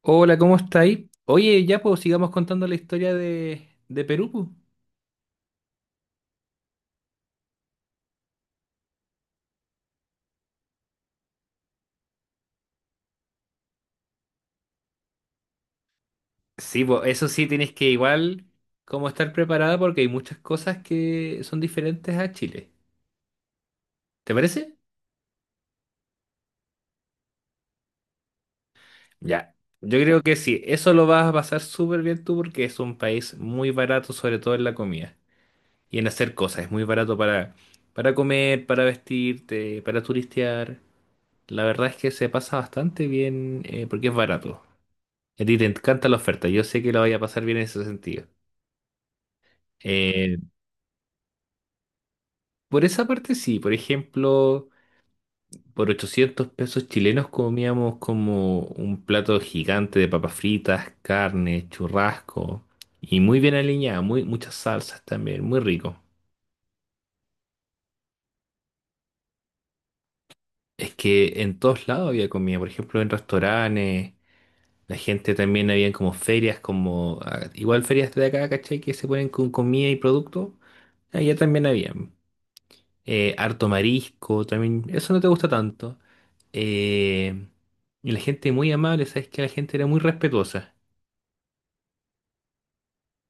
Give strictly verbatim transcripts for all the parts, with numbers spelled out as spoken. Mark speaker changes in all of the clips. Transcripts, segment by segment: Speaker 1: Hola, ¿cómo estáis? Oye, ya pues sigamos contando la historia de, de Perú, pues. Sí, pues eso sí tienes que igual como estar preparada porque hay muchas cosas que son diferentes a Chile. ¿Te parece? Ya, yo creo que sí, eso lo vas a pasar súper bien tú porque es un país muy barato, sobre todo en la comida y en hacer cosas. Es muy barato para, para comer, para vestirte, para turistear. La verdad es que se pasa bastante bien, eh, porque es barato. A ti te encanta la oferta, yo sé que lo vaya a pasar bien en ese sentido. Eh, por esa parte sí, por ejemplo, por ochocientos pesos chilenos comíamos como un plato gigante de papas fritas, carne, churrasco y muy bien aliñada, muy, muchas salsas también, muy rico. Es que en todos lados había comida, por ejemplo, en restaurantes, la gente también había como ferias, como ah, igual ferias de acá, ¿cachai? Que se ponen con comida y producto, allá también había eh, harto marisco, también eso no te gusta tanto. Eh, y la gente muy amable, sabes que la gente era muy respetuosa.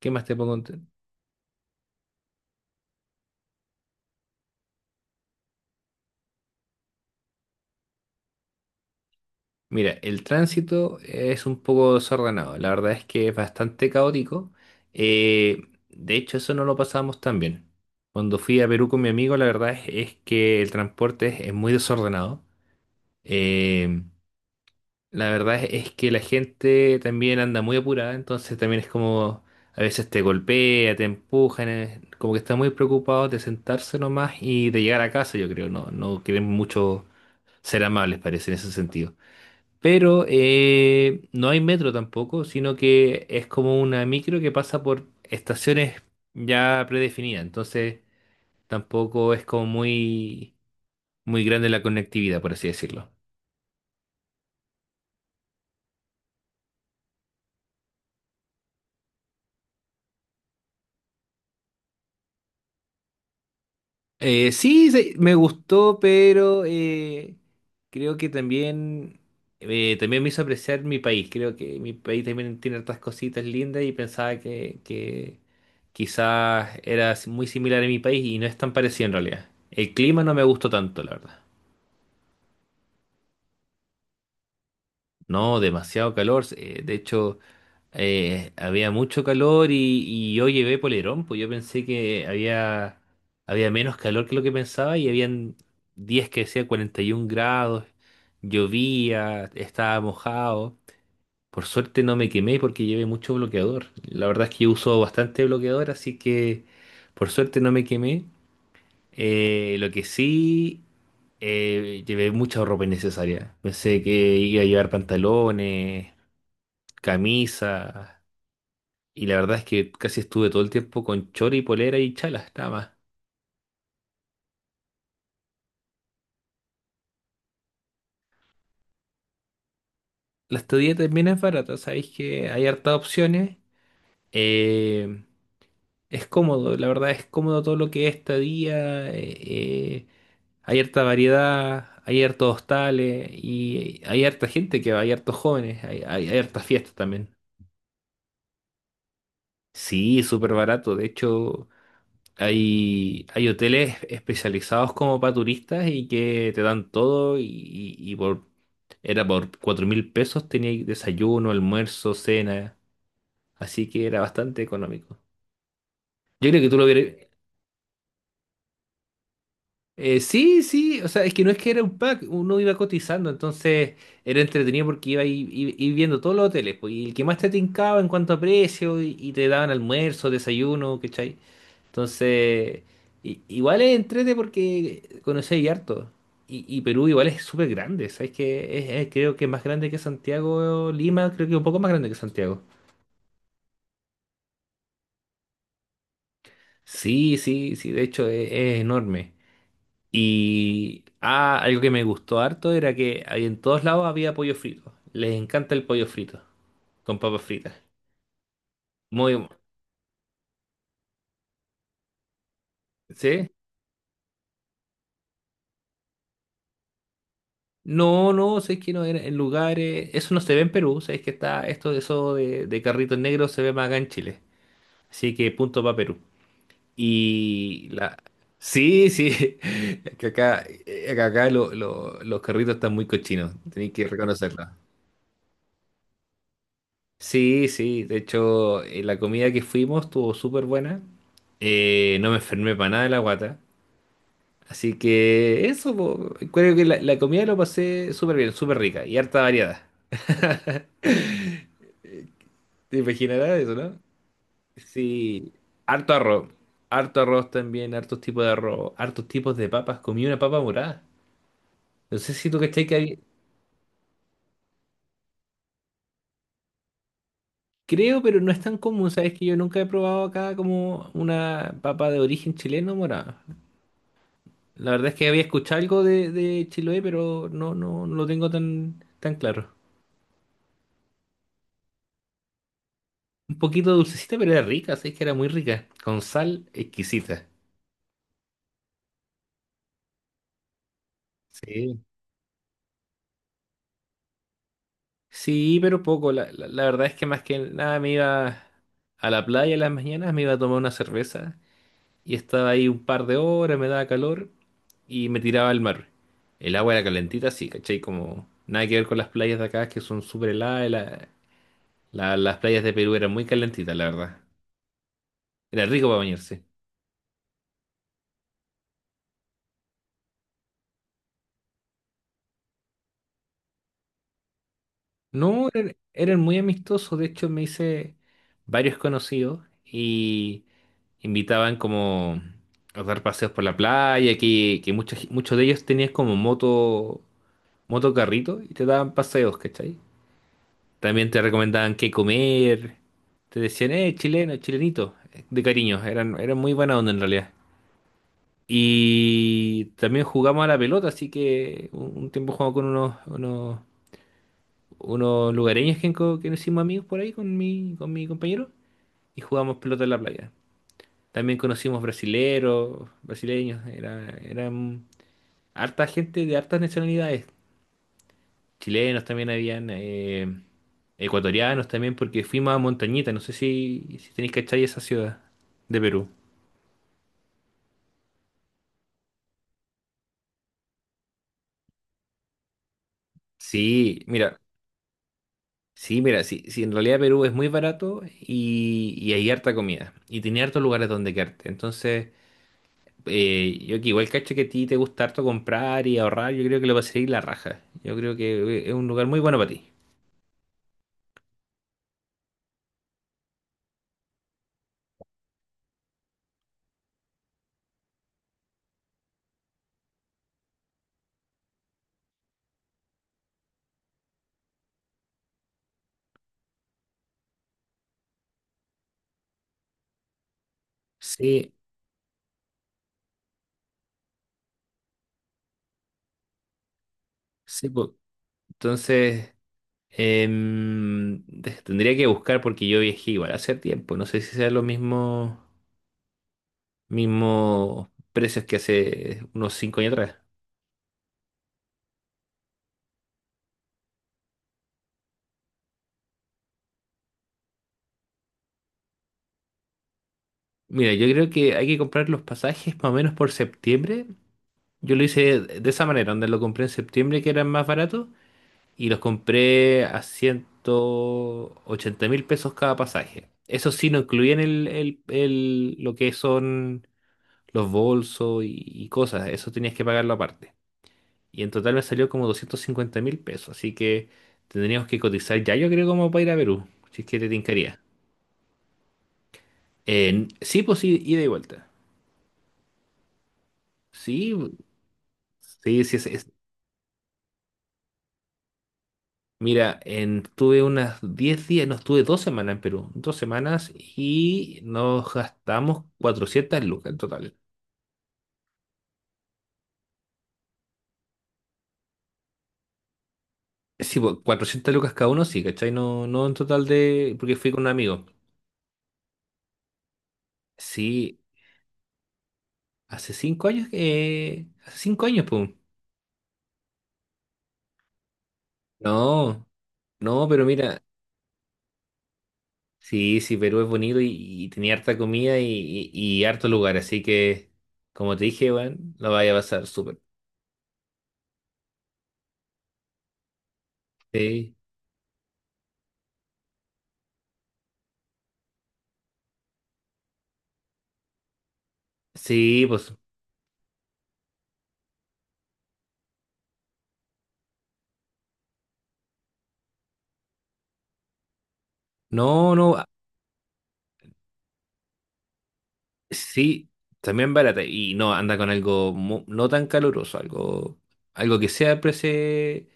Speaker 1: ¿Qué más te puedo contar? Mira, el tránsito es un poco desordenado, la verdad es que es bastante caótico. Eh, de hecho, eso no lo pasamos tan bien. Cuando fui a Perú con mi amigo, la verdad es, es que el transporte es, es muy desordenado. Eh, La verdad es es que la gente también anda muy apurada, entonces también es como a veces te golpea, te empujan, eh, como que está muy preocupado de sentarse nomás y de llegar a casa, yo creo, no, no quieren mucho ser amables, parece, en ese sentido. Pero eh, no hay metro tampoco, sino que es como una micro que pasa por estaciones ya predefinidas, entonces tampoco es como muy, muy grande la conectividad, por así decirlo. Eh, sí, sí, me gustó, pero eh, creo que también, eh, también me hizo apreciar mi país. Creo que mi país también tiene hartas cositas lindas y pensaba que, que quizás era si, muy similar a mi país y no es tan parecido en realidad. El clima no me gustó tanto, la verdad. No, demasiado calor. Eh, de hecho... Eh, había mucho calor y, y yo llevé polerón, pues yo pensé que había, había menos calor que lo que pensaba y habían días que decía cuarenta y un grados, llovía, estaba mojado. Por suerte no me quemé porque llevé mucho bloqueador. La verdad es que yo uso bastante bloqueador, así que por suerte no me quemé. Eh, lo que sí, eh, llevé mucha ropa innecesaria. Pensé que iba a llevar pantalones, camisa. Y la verdad es que casi estuve todo el tiempo con chori, polera y chalas, nada más. La estadía también es barata, sabéis que hay hartas opciones. Eh, es cómodo, la verdad es cómodo todo lo que es estadía. Eh, eh, hay harta variedad, hay hartos hostales y hay harta gente que va, hay hartos jóvenes, hay, hay, hay hartas fiestas también. Sí, es súper barato. De hecho, hay, hay hoteles especializados como para turistas y que te dan todo y, y- y por Era por cuatro mil pesos, tenía desayuno, almuerzo, cena, así que era bastante económico. Yo creo que tú lo hubieras... eh, Sí, sí, o sea, es que no es que era un pack, uno iba cotizando, entonces era entretenido porque iba a ir, ir- ir viendo todos los hoteles, pues, y el que más te tincaba en cuanto a precio, y, y te daban almuerzo, desayuno, ¿cachai? Entonces, i- igual es entrete porque conocí harto. Y, y Perú igual es súper grande, ¿sabes? Que es, es- creo que es más grande que Santiago, Lima, creo que un poco más grande que Santiago. Sí, sí, sí, de hecho, e- es, enorme. Y ah, algo que me gustó harto era que ahí en todos lados había pollo frito. Les encanta el pollo frito con papas fritas. Muy, bu- ¿Sí? No, no, sé que no era en lugares, eso no se ve en Perú, sabes que está esto eso de, de carritos negros se ve más acá en Chile. Así que punto para Perú. Y la Sí, sí, que acá, eh, que acá lo- lo- los carritos están muy cochinos, tenéis que reconocerlo. Sí, sí, de hecho, eh, la comida que fuimos estuvo súper buena. Eh, no me enfermé para nada de la guata. Así que eso, po, creo que la, la comida lo pasé súper bien, súper rica y harta variada. ¿Te imaginarás eso, no? Sí, harto arroz, harto arroz también, hartos tipos de arroz, hartos tipos de papas. Comí una papa morada. No sé si tú cachai que hay, creo, pero no es tan común, sabes que yo nunca he probado acá como una papa de origen chileno morada. La verdad es que había escuchado algo de, de Chiloé, pero no, no, no lo tengo tan, tan claro. Un poquito dulcecita, pero era rica, sí, que era muy rica. Con sal exquisita. Sí. Sí, pero poco. La, la, la verdad es que más que nada me iba a la playa en las mañanas, me iba a tomar una cerveza y estaba ahí un par de horas, me daba calor y me tiraba al mar. El agua era calentita, sí, ¿cachai? Como nada que ver con las playas de acá que son súper heladas. La- la- las playas de Perú eran muy calentitas, la verdad. Era rico para bañarse. No, eran, eran muy amistosos, de hecho me hice varios conocidos y invitaban como a dar paseos por la playa, que, que muchos, muchos de ellos tenían como moto, motocarrito y te daban paseos, ¿cachai? También te recomendaban qué comer, te decían, eh, chileno, chilenito, de cariño, eran, eran muy buena onda en realidad. Y también jugamos a la pelota, así que un, un tiempo jugamos con unos, unos unos lugareños que, enco- que nos hicimos amigos por ahí con mi, con mi compañero y jugamos pelota en la playa. También conocimos brasileros, brasileños, era, eran harta gente de hartas nacionalidades. Chilenos también habían, eh, ecuatorianos también, porque fuimos a Montañita, no sé si, si tenéis cachai esa ciudad de Perú. Sí, mira, sí, mira, sí, sí, en realidad Perú es muy barato y, y hay harta comida y tiene hartos lugares donde quedarte. Entonces, Eh, yo que igual cacho que a ti te gusta harto comprar y ahorrar, yo creo que lo vas a ir la raja. Yo creo que eh, es un lugar muy bueno para ti. Sí, sí, po. Entonces, em, de- tendría que buscar porque yo viajé igual hace tiempo. No sé si sean los mismos mismos precios que hace unos cinco años atrás. Mira, yo creo que hay que comprar los pasajes más o menos por septiembre. Yo lo hice de esa manera, donde lo compré en septiembre que eran más baratos y los compré a ciento ochenta mil pesos cada pasaje. Eso sí, no incluían el, el- el- lo que son los bolsos y, y cosas, eso tenías que pagarlo aparte. Y en total me salió como doscientos cincuenta mil pesos, así que tendríamos que cotizar ya, yo creo, como para ir a Perú, si es que te tincaría. En- sí, pues sí, ida y vuelta. Sí, sí, sí, es, mira, en, estuve unas diez días, no, estuve dos semanas en Perú, dos semanas y nos gastamos cuatrocientas lucas en total. Sí, pues, cuatrocientas lucas cada uno, sí, ¿cachai? No, no en total de, porque fui con un amigo. Sí, hace cinco años que, hace cinco años, pum. No, no, pero mira, sí, sí, Perú es bonito y, y tenía harta comida y, y, y harto lugar, así que, como te dije, bueno, lo vaya a pasar súper. Sí, sí, pues. No, no, sí, también barata. Y no, anda con algo mu- no tan caluroso, algo, algo que sea prese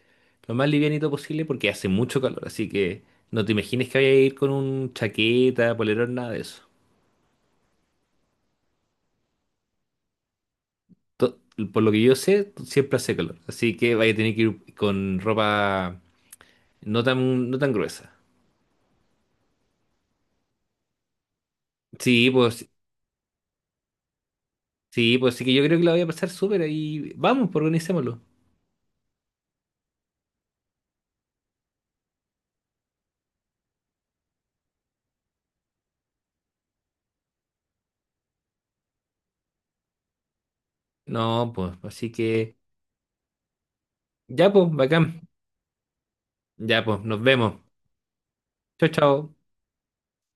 Speaker 1: lo más livianito posible porque hace mucho calor. Así que no te imagines que vaya a ir con un chaqueta, polerón, nada de eso. To- por lo que yo sé, t- siempre hace calor. Así que vaya a tener que ir con ropa no tan, no tan gruesa. Sí, pues, sí, pues sí que yo creo que la voy a pasar súper ahí. Vamos, pues organicémoslo. No, pues, así que ya, pues, bacán. Ya, pues, nos vemos. Chao, chao.